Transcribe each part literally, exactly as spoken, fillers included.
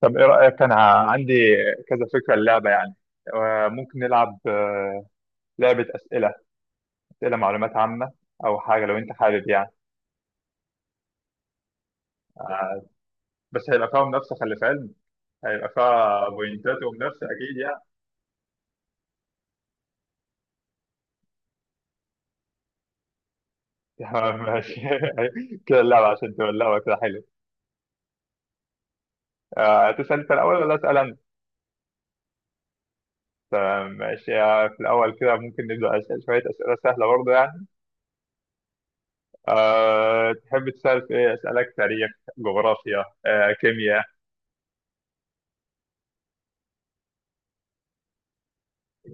طب ايه رأيك؟ انا عندي كذا فكرة اللعبة يعني. آه، ممكن نلعب آه، لعبة أسئلة أسئلة معلومات عامة، أو حاجة لو أنت حابب يعني. آه، بس هيبقى فيها منافسة، خلي في علمك. هيبقى فيها بوينتات ومنافسة أكيد يعني. تمام، ماشي. كده اللعبة عشان تولعها كده حلو. آه، تسأل أنت الأول ولا أسأل أنا؟ تمام، ماشي. آه، في الأول كده ممكن نبدأ، أسأل شوية أسئلة سهلة برضه يعني. أه تحب تسأل في إيه؟ أسألك تاريخ، جغرافيا، أه كيمياء؟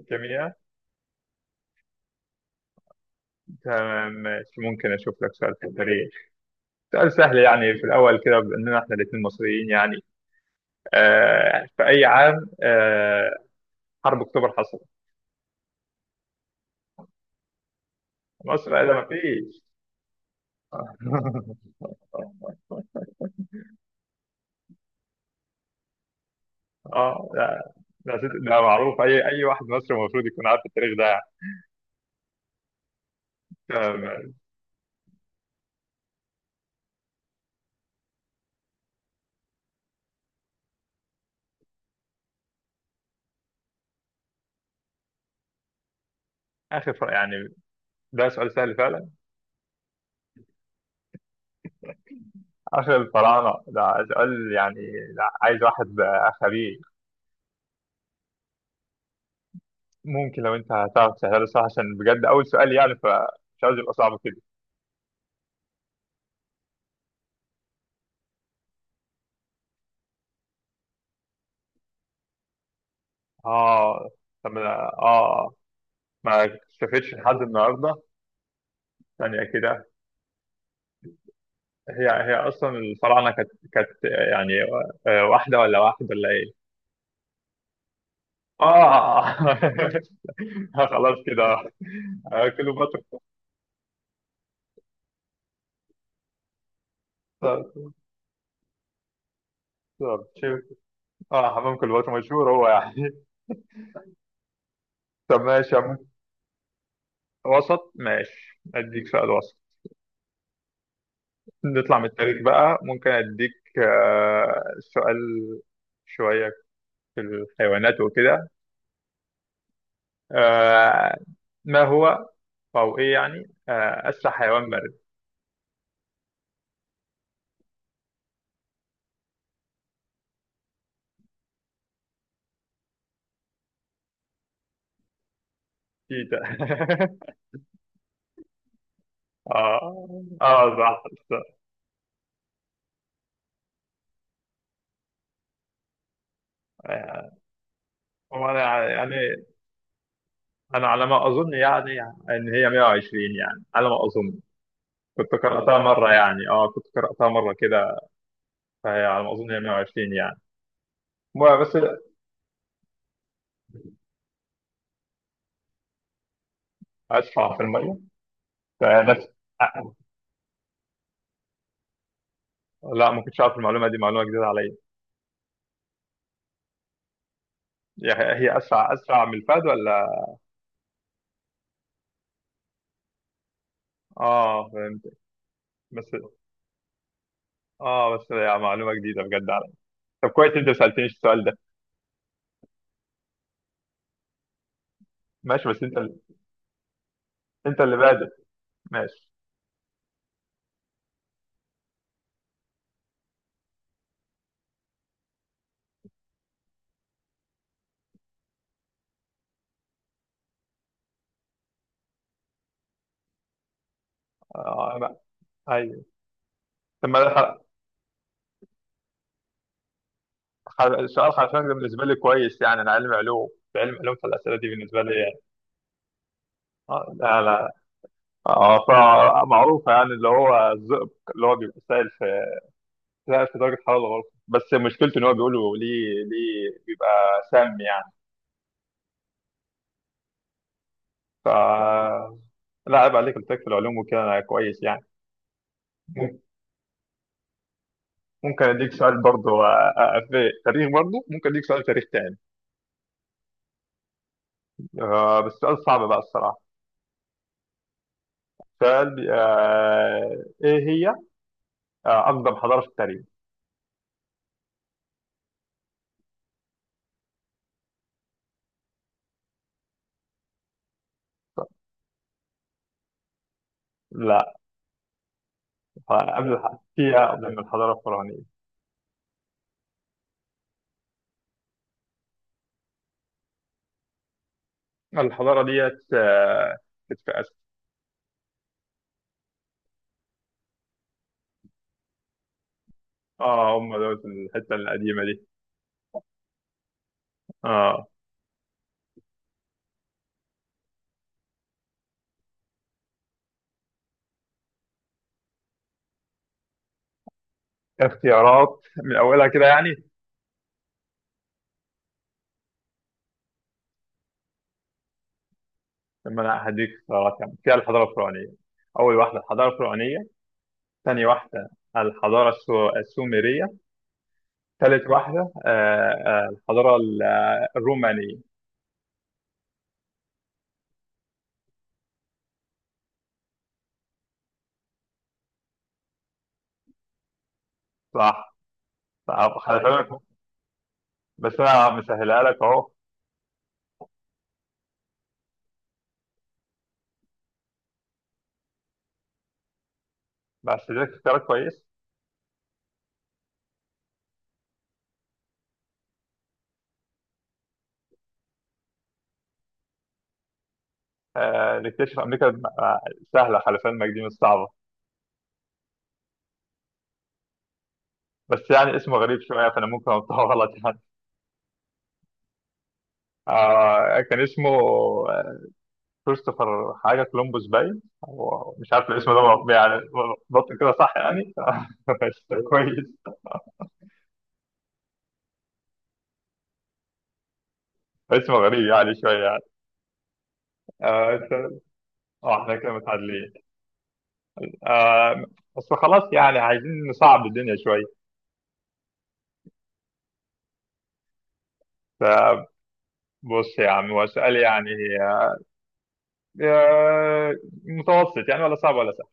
كيمياء. تمام ماشي. ممكن اشوف لك سؤال في التاريخ، سؤال سهل يعني في الاول كده باننا احنا الاثنين مصريين يعني. آه في اي عام آه حرب اكتوبر حصلت؟ مصر قال ما فيش. اه لا، ده ده معروف، اي اي واحد مصري المفروض يكون عارف التاريخ ده يعني. تمام. اخر ف- يعني ده سؤال سهل فعلا. اخر الفراعنه ده سؤال يعني، ده عايز واحد بقى خبير. ممكن لو انت هتعرف تسهله، صح، عشان بجد اول سؤال يعني، فمش عايز يبقى صعب كده. اه طب اه. ما شافتش لحد النهارده؟ ثانية كده. هي هي اصلا الفراعنة كانت كانت يعني آه، واحدة ولا واحد ولا ايه؟ اه. خلاص كده. آه، كليوباترا. طب. طب شوف. اه، حمام كليوباترا مشهور هو يعني. طب ماشي يا عم. وسط، ماشي، اديك سؤال وسط. نطلع من التاريخ بقى. ممكن اديك آه، سؤال شوية في الحيوانات وكده. آه ما هو أو إيه يعني آه أسرع حيوان بري؟ تيتا. آه آه صح. صح. آه، وأنا يعني أنا على ما أظن يعني إن هي مية وعشرين يعني، على ما أظن. كنت قرأتها مرة يعني، آه كنت قرأتها مرة كده، فهي على ما أظن هي مية وعشرين يعني. المهم، بس أسرع في المية؟ فنفس. لا، ما كنتش أعرف المعلومة دي، معلومة جديدة عليا. هي هي أسرع أسرع من الفهد ولا؟ آه فهمت. بس آه بس يعني معلومة جديدة بجد. طب كويس انت ما سالتنيش السؤال ده. ماشي، بس انت اللي... انت اللي بادئ. ماشي. آه لا، ايوه. طب ما ده ح- ح- سؤال حرفيا. ده بالنسبه لي كويس يعني، انا علم علوم، في علم علوم فالاسئله دي بالنسبه لي يعني. اه لا، لا. اه فمعروفه يعني، اللي هو الزئبق، اللي هو بيبقى سائل في سائل في درجه حراره الغرفه، بس مشكلته ان هو بيقولوا ليه ليه بيبقى سام يعني. ف لا عيب عليك، قلت لك في العلوم وكده انا كويس يعني. مم- ممكن اديك سؤال برضه، آه، آه، في تاريخ برضه. ممكن اديك سؤال تاريخ تاني. آه بس سؤال صعب بقى الصراحة. سؤال بي- آه إيه هي آه أقدم حضارة في التاريخ؟ لا. آه، قبل الح... فيها قبل من الحضارة الفرعونية. الحضارة ديت آه كانت في آسيا. آه هم دول الحتة القديمة دي. آه. اختيارات من أولها كده يعني؟ لما أنا هديك اختيارات يعني فيها الحضارة الفرعونية. أول واحدة الحضارة الفرعونية، ثاني واحدة الحضارة السو- السومرية، ثالث واحدة آه آه الحضارة ال- الرومانية. صح. صح. خلي بالك، بس انا مسهلها لك اهو. بس لك اختيار كويس. آه نكتشف امريكا. الم- آه، سهله خلف علمك، دي مش صعبه. بس يعني اسمه غريب شويه، فانا ممكن انطقه غلط يعني. آه كان اسمه آه، كريستوفر حاجه كولومبوس. باين هو مش عارف الاسم ده بط- يعني بط كده صح يعني. بس كويس. اسمه غريب يعني شويه يعني. آه إنت- آه، احنا كده متعادلين آه. بس خلاص يعني عايزين نصعب الدنيا شويه. فبص يا عم، هو سؤال يعني آه، متوسط يعني، ولا صعب ولا سهل.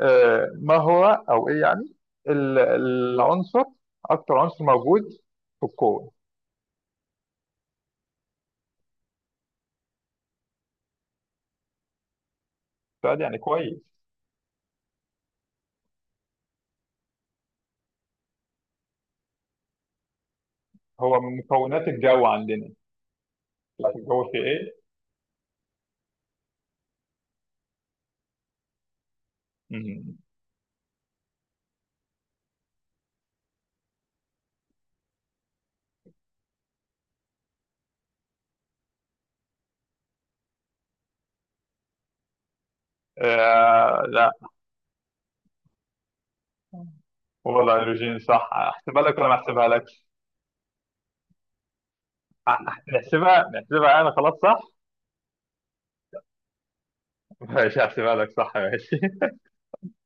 آه، ما هو او ايه يعني ال- العنصر اكتر عنصر موجود في الكون؟ سؤال يعني كويس. هو من مكونات الجو عندنا، لكن الجو في ايه؟ مهم. آه لا، هو الهيدروجين صح؟ احسبها لك ولا ما احسبها لك؟ أح- أح- نحسبها نحسبها انا، خلاص صح. ماشي احسبها لك، صح، ماشي.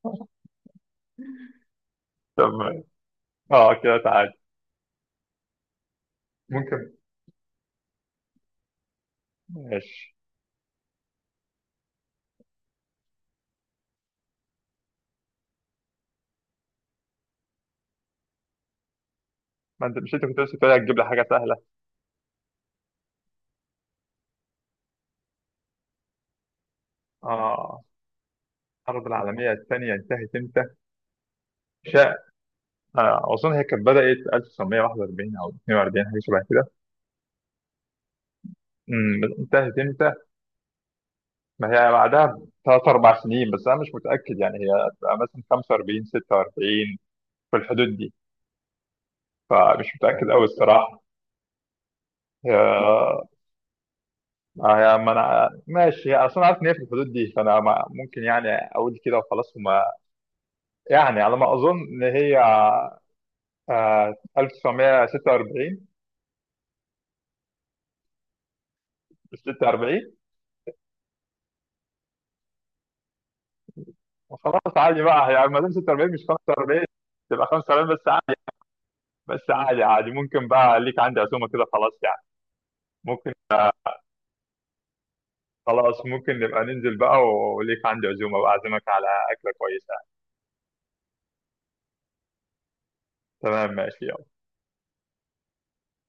طب اه كده تعال. ممكن. ماشي. ما انت، مش انت كنت لسه بتقول هتجيب لي حاجه سهله. اه الحرب العالمية الثانية انتهت امتى؟ شاء. آه، أظن هي كانت بدأت ألف وتسعمية وواحد وأربعين أو اتنين وأربعين، حاجة شبه كده. أمم، انتهت امتى؟ ما هي بعدها بثلاث أربع سنين، بس أنا مش متأكد يعني، هي هتبقى مثلا خمسة وأربعين ستة وأربعين، في الحدود دي، فمش متأكد أوي الصراحة. هي آه، هي- ما أنا ماشي، هي أصلا عارف إن هي في الحدود دي، فأنا ما- ممكن يعني أقول كده وخلاص. وما يعني على ما أظن إن هي آه، ألف وتسعمية وستة وأربعين. ستة وأربعين؟ خلاص عادي بقى يعني، ما دام ستة وأربعين مش خمسة وأربعين تبقى خمسة وأربعين بس عادي. بس عادي عادي، ممكن بقى ليك عندي عزومه كده، خلاص يعني. ممكن. خلاص ممكن نبقى ننزل بقى، وليك عندي عزومه واعزمك على اكله كويسه. تمام ماشي.